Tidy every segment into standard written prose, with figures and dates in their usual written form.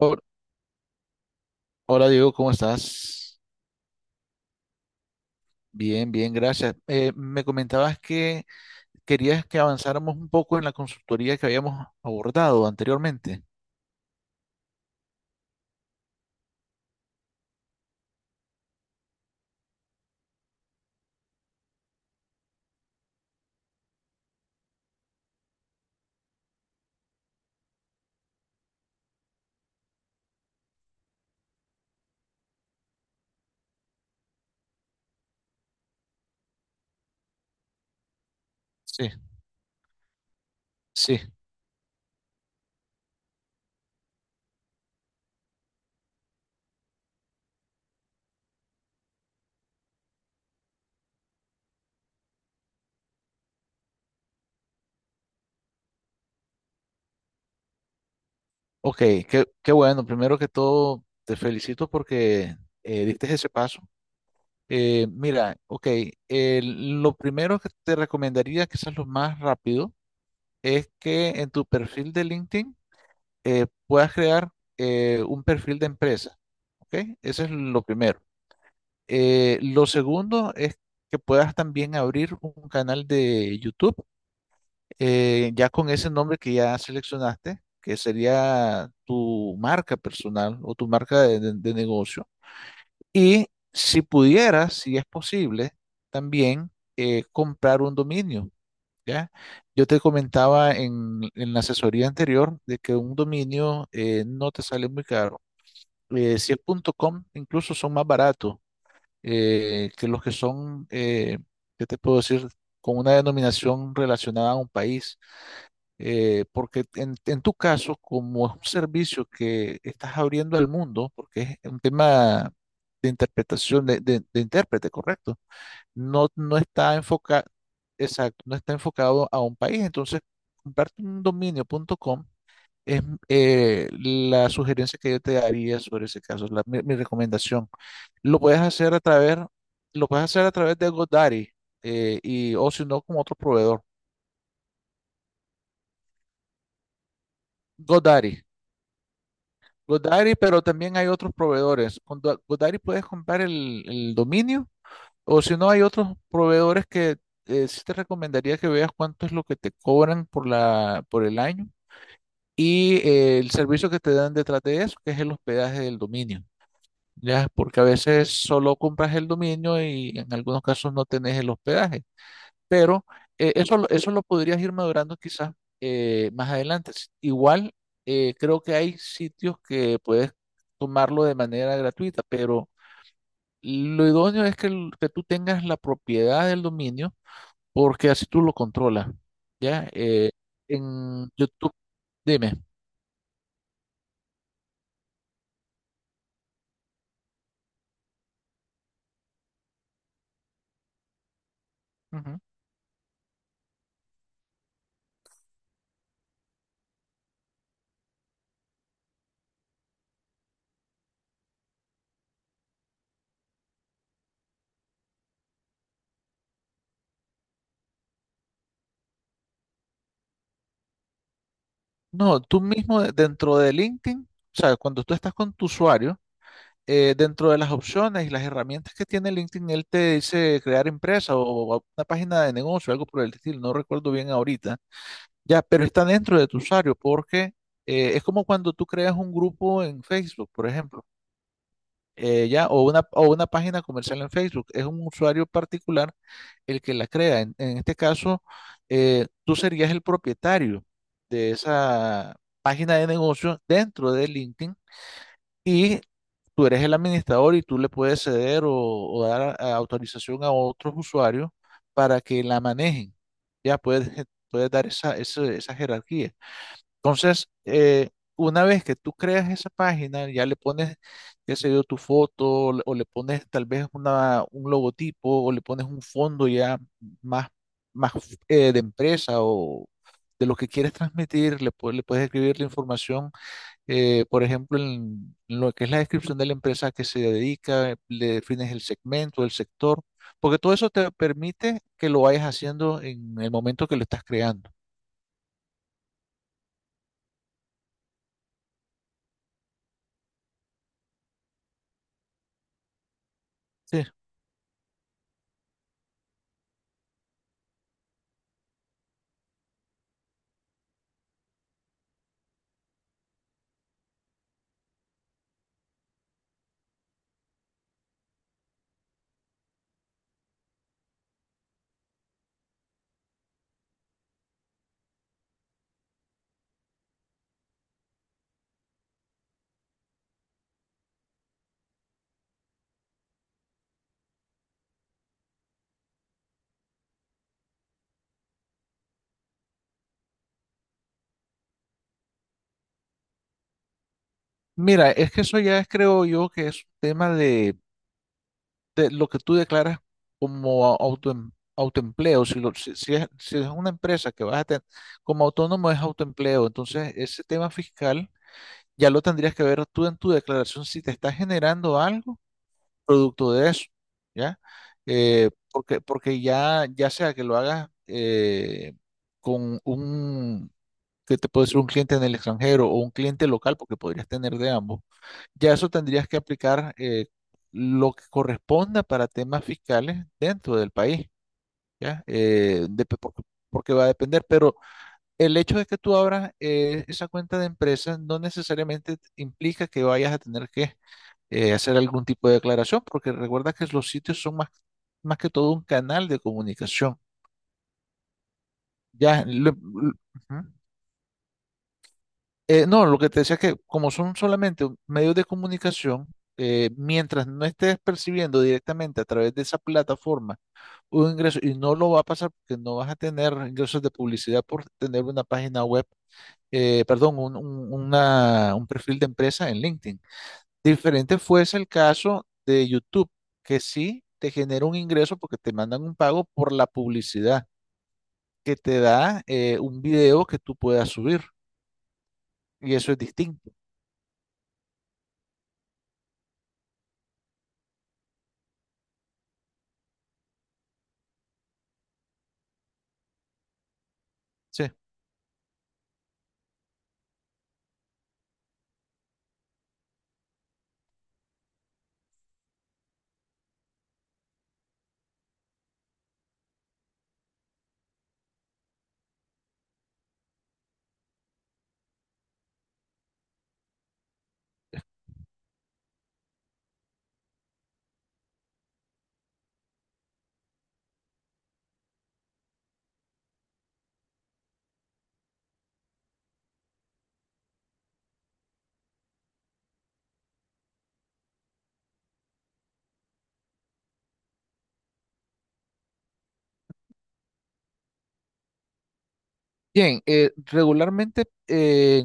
Hor- Hola Diego, ¿cómo estás? Bien, bien, gracias. Me comentabas que querías que avanzáramos un poco en la consultoría que habíamos abordado anteriormente. Sí, sí. Ok, qué bueno. Primero que todo, te felicito porque diste ese paso. Mira, ok, lo primero que te recomendaría, quizás lo más rápido, es que en tu perfil de LinkedIn puedas crear un perfil de empresa. ¿Ok? Eso es lo primero. Lo segundo es que puedas también abrir un canal de YouTube, ya con ese nombre que ya seleccionaste, que sería tu marca personal o tu marca de negocio. Y si pudieras, si es posible, también comprar un dominio, ¿ya? Yo te comentaba en la asesoría anterior de que un dominio no te sale muy caro. Si es punto .com, incluso son más baratos que los que son, ¿qué te puedo decir? Con una denominación relacionada a un país, porque en tu caso, como es un servicio que estás abriendo al mundo, porque es un tema de interpretación de intérprete, correcto, no está enfocado, exacto, no está enfocado a un país, entonces, comparte un dominio.com es la sugerencia que yo te daría sobre ese caso, mi recomendación. Lo puedes hacer a través, lo puedes hacer a través de GoDaddy y, o si no, con otro proveedor. GoDaddy. GoDaddy, pero también hay otros proveedores. Con GoDaddy puedes comprar el dominio o si no, hay otros proveedores que sí te recomendaría que veas cuánto es lo que te cobran por por el año y el servicio que te dan detrás de eso, que es el hospedaje del dominio. Ya, porque a veces solo compras el dominio y en algunos casos no tenés el hospedaje, pero eso lo podrías ir madurando quizás más adelante. Igual creo que hay sitios que puedes tomarlo de manera gratuita, pero lo idóneo es que, que tú tengas la propiedad del dominio porque así tú lo controlas, ya, en YouTube, dime. Ujú. No, tú mismo dentro de LinkedIn, o sea, cuando tú estás con tu usuario, dentro de las opciones y las herramientas que tiene LinkedIn, él te dice crear empresa o una página de negocio, algo por el estilo, no recuerdo bien ahorita, ya, pero está dentro de tu usuario porque es como cuando tú creas un grupo en Facebook, por ejemplo, ya, o una página comercial en Facebook, es un usuario particular el que la crea. En este caso, tú serías el propietario de esa página de negocio dentro de LinkedIn y tú eres el administrador y tú le puedes ceder o dar autorización a otros usuarios para que la manejen. Ya puedes, puedes dar esa jerarquía. Entonces, una vez que tú creas esa página, ya le pones, qué sé yo, tu foto o le pones tal vez un logotipo o le pones un fondo ya más, más de empresa o de lo que quieres transmitir, le puedes escribir la información por ejemplo, en lo que es la descripción de la empresa que se dedica, le defines el segmento, el sector, porque todo eso te permite que lo vayas haciendo en el momento que lo estás creando. Sí. Mira, es que eso ya es, creo yo, que es un tema de lo que tú declaras como autoempleo. Si es una empresa que vas a tener como autónomo, es autoempleo. Entonces, ese tema fiscal ya lo tendrías que ver tú en tu declaración si te está generando algo producto de eso, ¿ya? Porque ya, ya sea que lo hagas con un, que te puede ser un cliente en el extranjero o un cliente local, porque podrías tener de ambos, ya eso tendrías que aplicar lo que corresponda para temas fiscales dentro del país, ¿ya? Porque, porque va a depender, pero el hecho de que tú abras esa cuenta de empresa no necesariamente implica que vayas a tener que hacer algún tipo de declaración, porque recuerda que los sitios son más, más que todo un canal de comunicación. Ya, lo- lo- ujú. No, lo que te decía es que como son solamente medios de comunicación, mientras no estés percibiendo directamente a través de esa plataforma un ingreso, y no lo va a pasar porque no vas a tener ingresos de publicidad por tener una página web, perdón, un perfil de empresa en LinkedIn. Diferente fuese el caso de YouTube, que sí te genera un ingreso porque te mandan un pago por la publicidad que te da un video que tú puedas subir. Y eso es distinto. Sí. Bien, regularmente,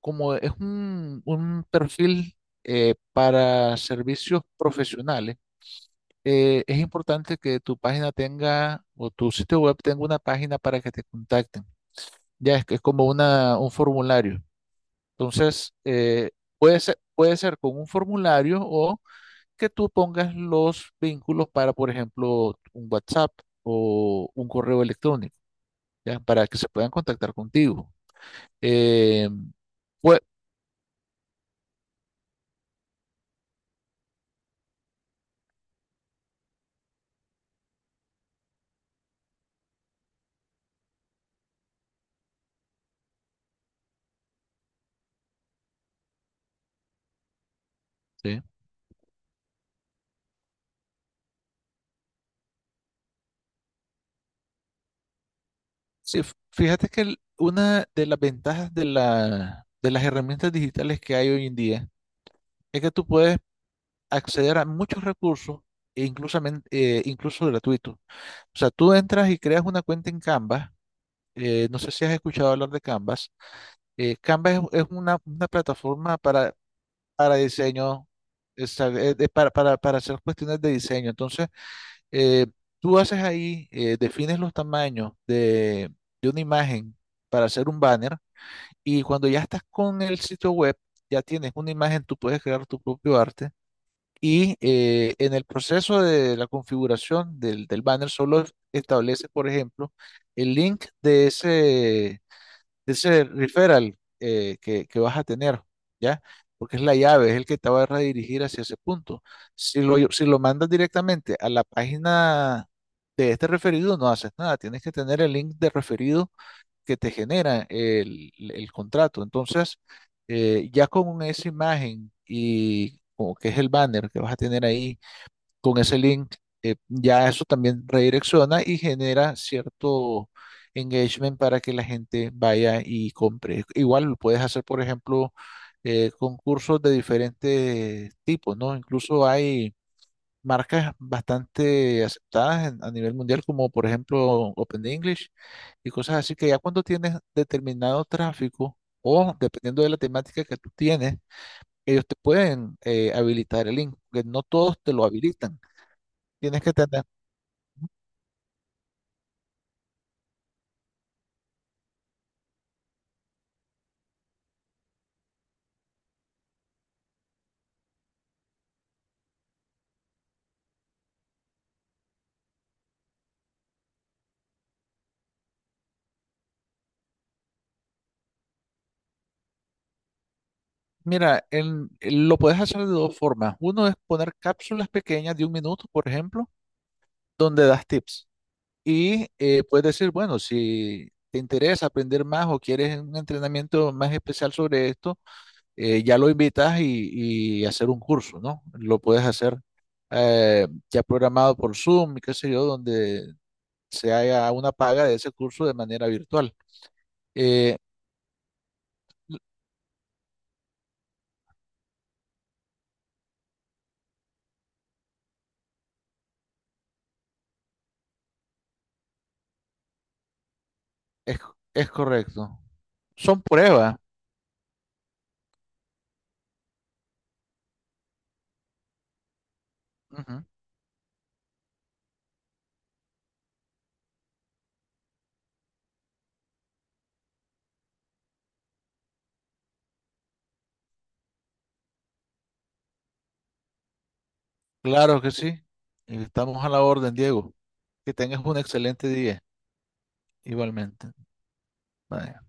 como es un perfil para servicios profesionales, es importante que tu página tenga o tu sitio web tenga una página para que te contacten. Ya es que es como un formulario. Entonces, puede ser con un formulario o que tú pongas los vínculos para, por ejemplo, un WhatsApp o un correo electrónico, ¿ya? Para que se puedan contactar contigo. Eh, pues, sí, sí, fíjate que una de las ventajas de la, de las herramientas digitales que hay hoy en día es que tú puedes acceder a muchos recursos, e incluso, incluso gratuitos. O sea, tú entras y creas una cuenta en Canva no sé si has escuchado hablar de Canvas. Canvas es una plataforma para diseño, para hacer cuestiones de diseño. Entonces, eh, tú haces ahí, defines los tamaños de una imagen para hacer un banner y cuando ya estás con el sitio web, ya tienes una imagen, tú puedes crear tu propio arte. Y en el proceso de la configuración del banner solo estableces, por ejemplo, el link de ese, ese referral que vas a tener, ¿ya? Porque es la llave, es el que te va a redirigir hacia ese punto. Si lo mandas directamente a la página de este referido, no haces nada, tienes que tener el link de referido que te genera el contrato. Entonces, ya con esa imagen y como que es el banner que vas a tener ahí con ese link, ya eso también redirecciona y genera cierto engagement para que la gente vaya y compre. Igual lo puedes hacer, por ejemplo, concursos de diferentes tipos, ¿no? Incluso hay marcas bastante aceptadas a nivel mundial, como por ejemplo Open English y cosas así, que ya cuando tienes determinado tráfico o dependiendo de la temática que tú tienes, ellos te pueden habilitar el link, que no todos te lo habilitan. Tienes que tener. Mira, lo puedes hacer de dos formas. Uno es poner cápsulas pequeñas de un minuto, por ejemplo, donde das tips. Y puedes decir, bueno, si te interesa aprender más o quieres un entrenamiento más especial sobre esto, ya lo invitas y hacer un curso, ¿no? Lo puedes hacer ya programado por Zoom y qué sé yo, donde se haga una paga de ese curso de manera virtual. Eh, es, es correcto. Son pruebas. Claro que sí. Estamos a la orden, Diego. Que tengas un excelente día, igualmente. Bye.